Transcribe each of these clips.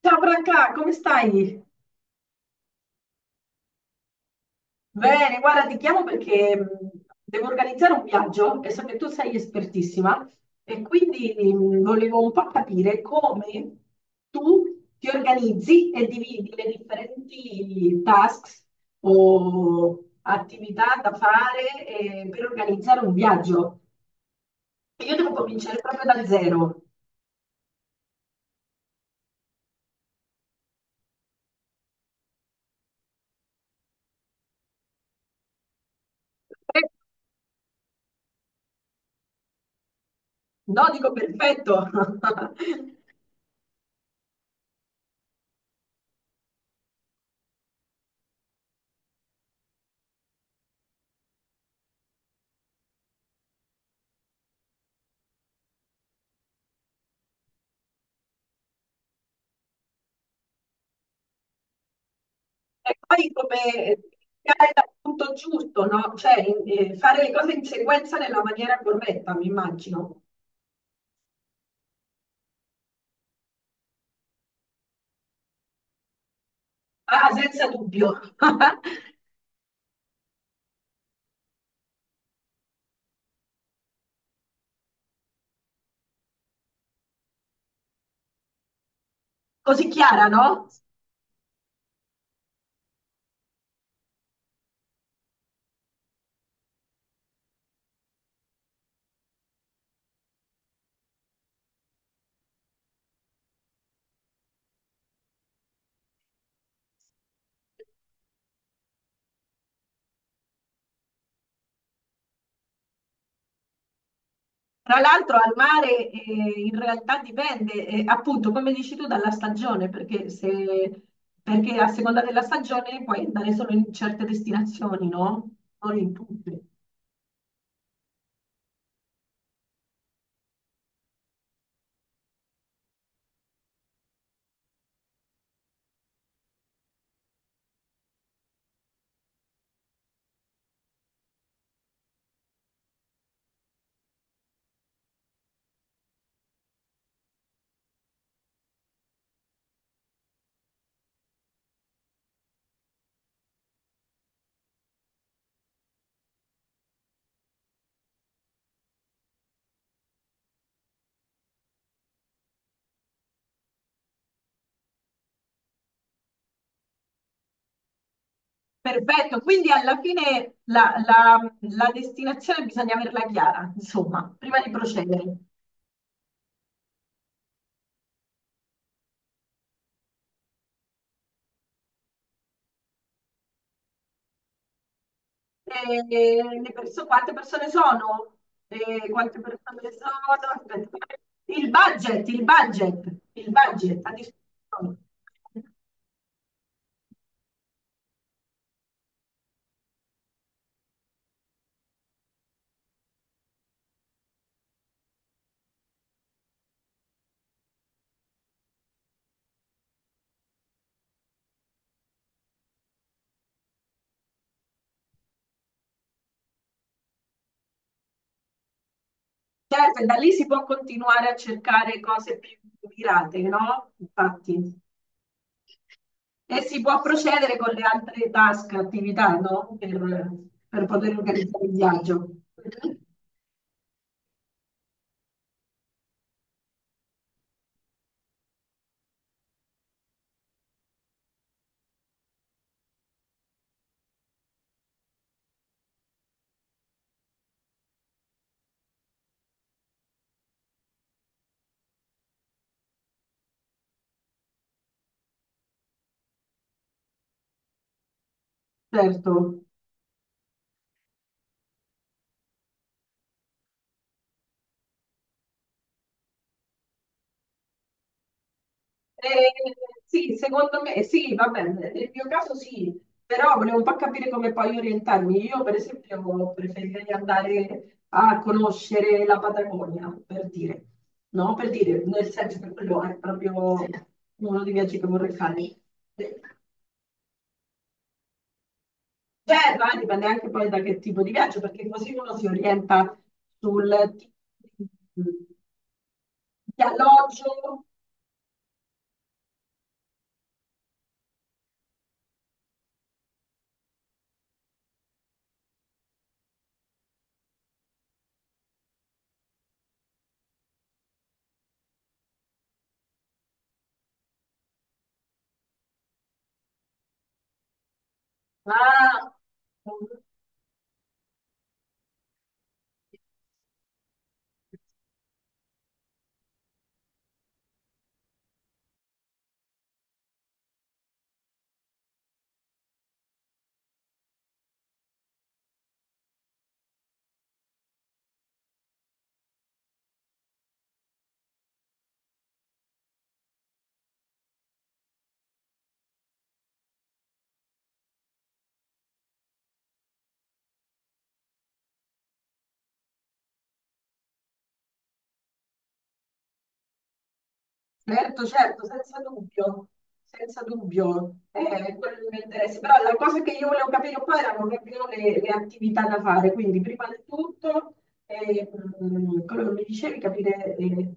Ciao Branca, come stai? Bene, guarda, ti chiamo perché devo organizzare un viaggio e so che tu sei espertissima e quindi volevo un po' capire come tu ti organizzi e dividi le differenti tasks o attività da fare per organizzare un viaggio. E io devo cominciare proprio da zero. Eh, No, dico perfetto. E poi come dare dal punto giusto, no? Cioè, fare le cose in sequenza nella maniera corretta, mi immagino. Ah, ah, senza dubbio. Così chiara, no? Tra l'altro al mare in realtà dipende, appunto, come dici tu, dalla stagione, perché se... perché a seconda della stagione puoi andare solo in certe destinazioni, no? Non in tutte. Perfetto, quindi alla fine la destinazione bisogna averla chiara, insomma, prima di procedere. E quante persone sono? E quante persone sono? Aspetta. Il budget, il budget, il budget a disposizione. Certo, e da lì si può continuare a cercare cose più mirate, no? Infatti. E si può procedere con le altre task, attività, no? Per poter organizzare il viaggio. Certo. Eh, sì, secondo me sì, va bene, nel mio caso sì, però volevo un po' capire come poi orientarmi. Io, per esempio, preferirei andare a conoscere la Patagonia, per dire, no? Per dire, nel senso che quello è proprio uno dei viaggi che vorrei fare. Eh, Terra, dipende anche poi da che tipo di viaggio, perché così uno si orienta sul tipo di alloggio, ma certo, certo, senza dubbio, senza dubbio, è quello il mio interesse. Però la cosa che io volevo capire un po' erano proprio le attività da fare, quindi prima di tutto, quello che mi dicevi, capire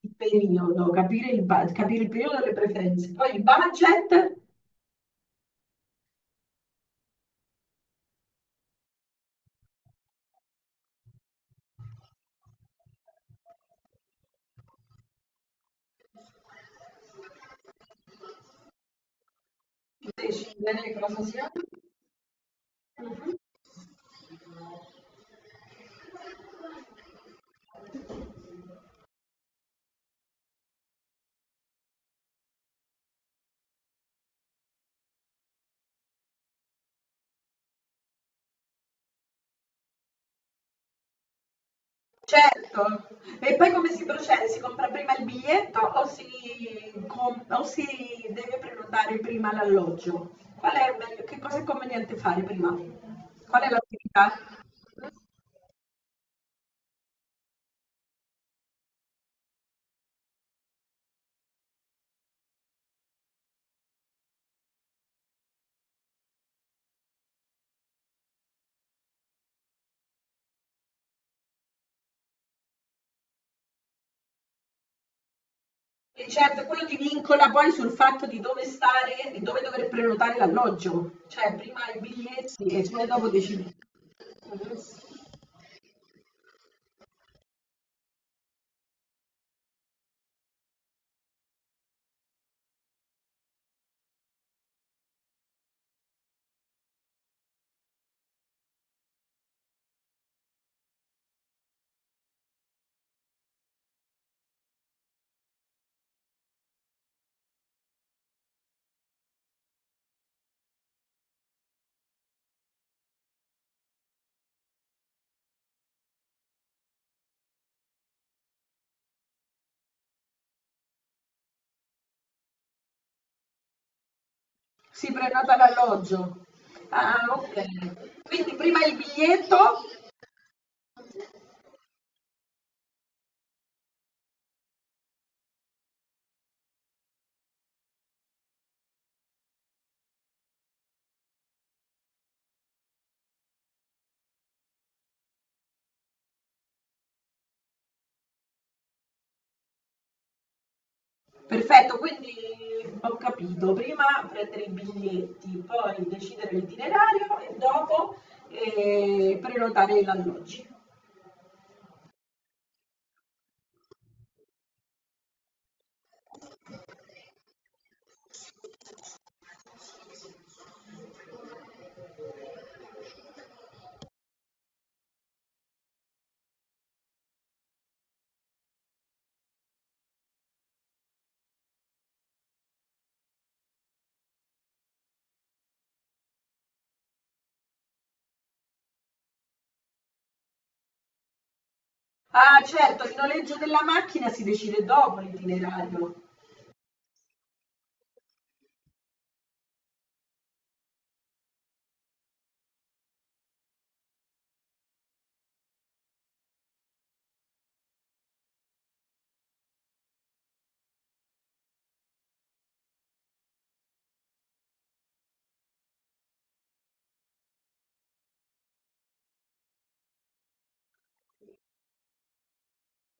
il periodo, capire il periodo delle preferenze, poi il budget, decidere cosa sia. Certo, e poi come si procede? Si compra prima il biglietto o si, com- o si deve prenotare prima l'alloggio? Qual è che cosa è conveniente fare prima? Qual è l'attività? E certo, quello ti vincola poi sul fatto di dove stare, di dove dover prenotare l'alloggio, cioè prima i biglietti e poi dopo decidi. Mhm. Si prenota l'alloggio. Ah, ok. Quindi prima il biglietto perfetto, quindi ho capito, prima prendere i biglietti, poi decidere l'itinerario e dopo prenotare gli alloggi. Ah, certo, il noleggio della macchina si decide dopo l'itinerario.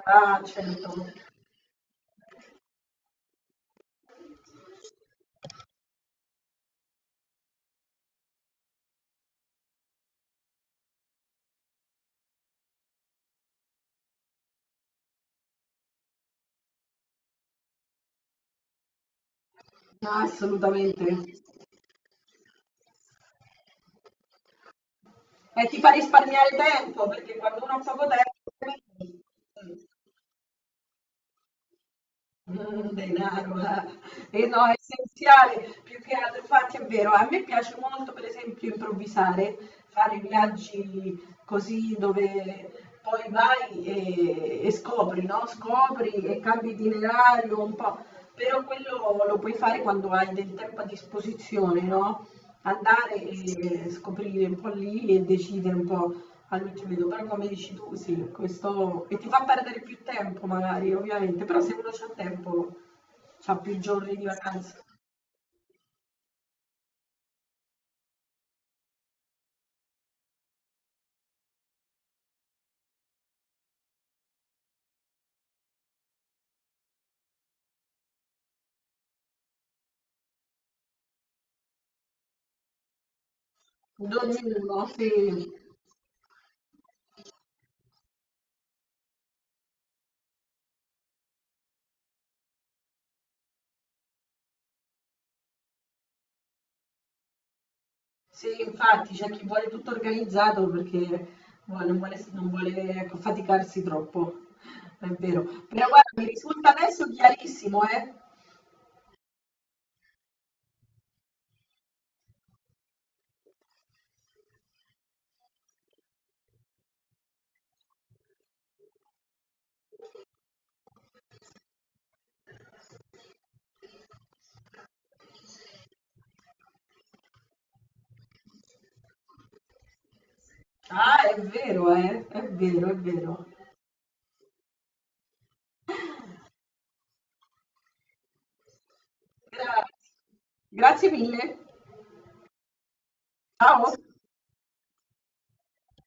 Ah, certo, ah, assolutamente. E ti fa risparmiare tempo, perché quando uno ha poco tempo... Mhmm, denaro, eh. Eh no, è essenziale, più che altro infatti è vero. A me piace molto per esempio improvvisare, fare viaggi così dove poi vai e scopri, no, scopri e cambi itinerario un po', però quello lo puoi fare quando hai del tempo a disposizione, no, andare e scoprire un po' lì e decidere un po' al mitrido, però come dici tu, sì, questo... e ti fa perdere più tempo magari, ovviamente, però se uno c'ha tempo, c'ha più giorni di vacanza. Ad ognuno, sì. Sì, infatti c'è chi vuole tutto organizzato perché non vuole, non vuole, ecco, faticarsi troppo, è vero. Però guarda, mi risulta adesso chiarissimo, eh? Ah, è vero, eh? È vero, è vero. Grazie. Grazie mille. Ciao.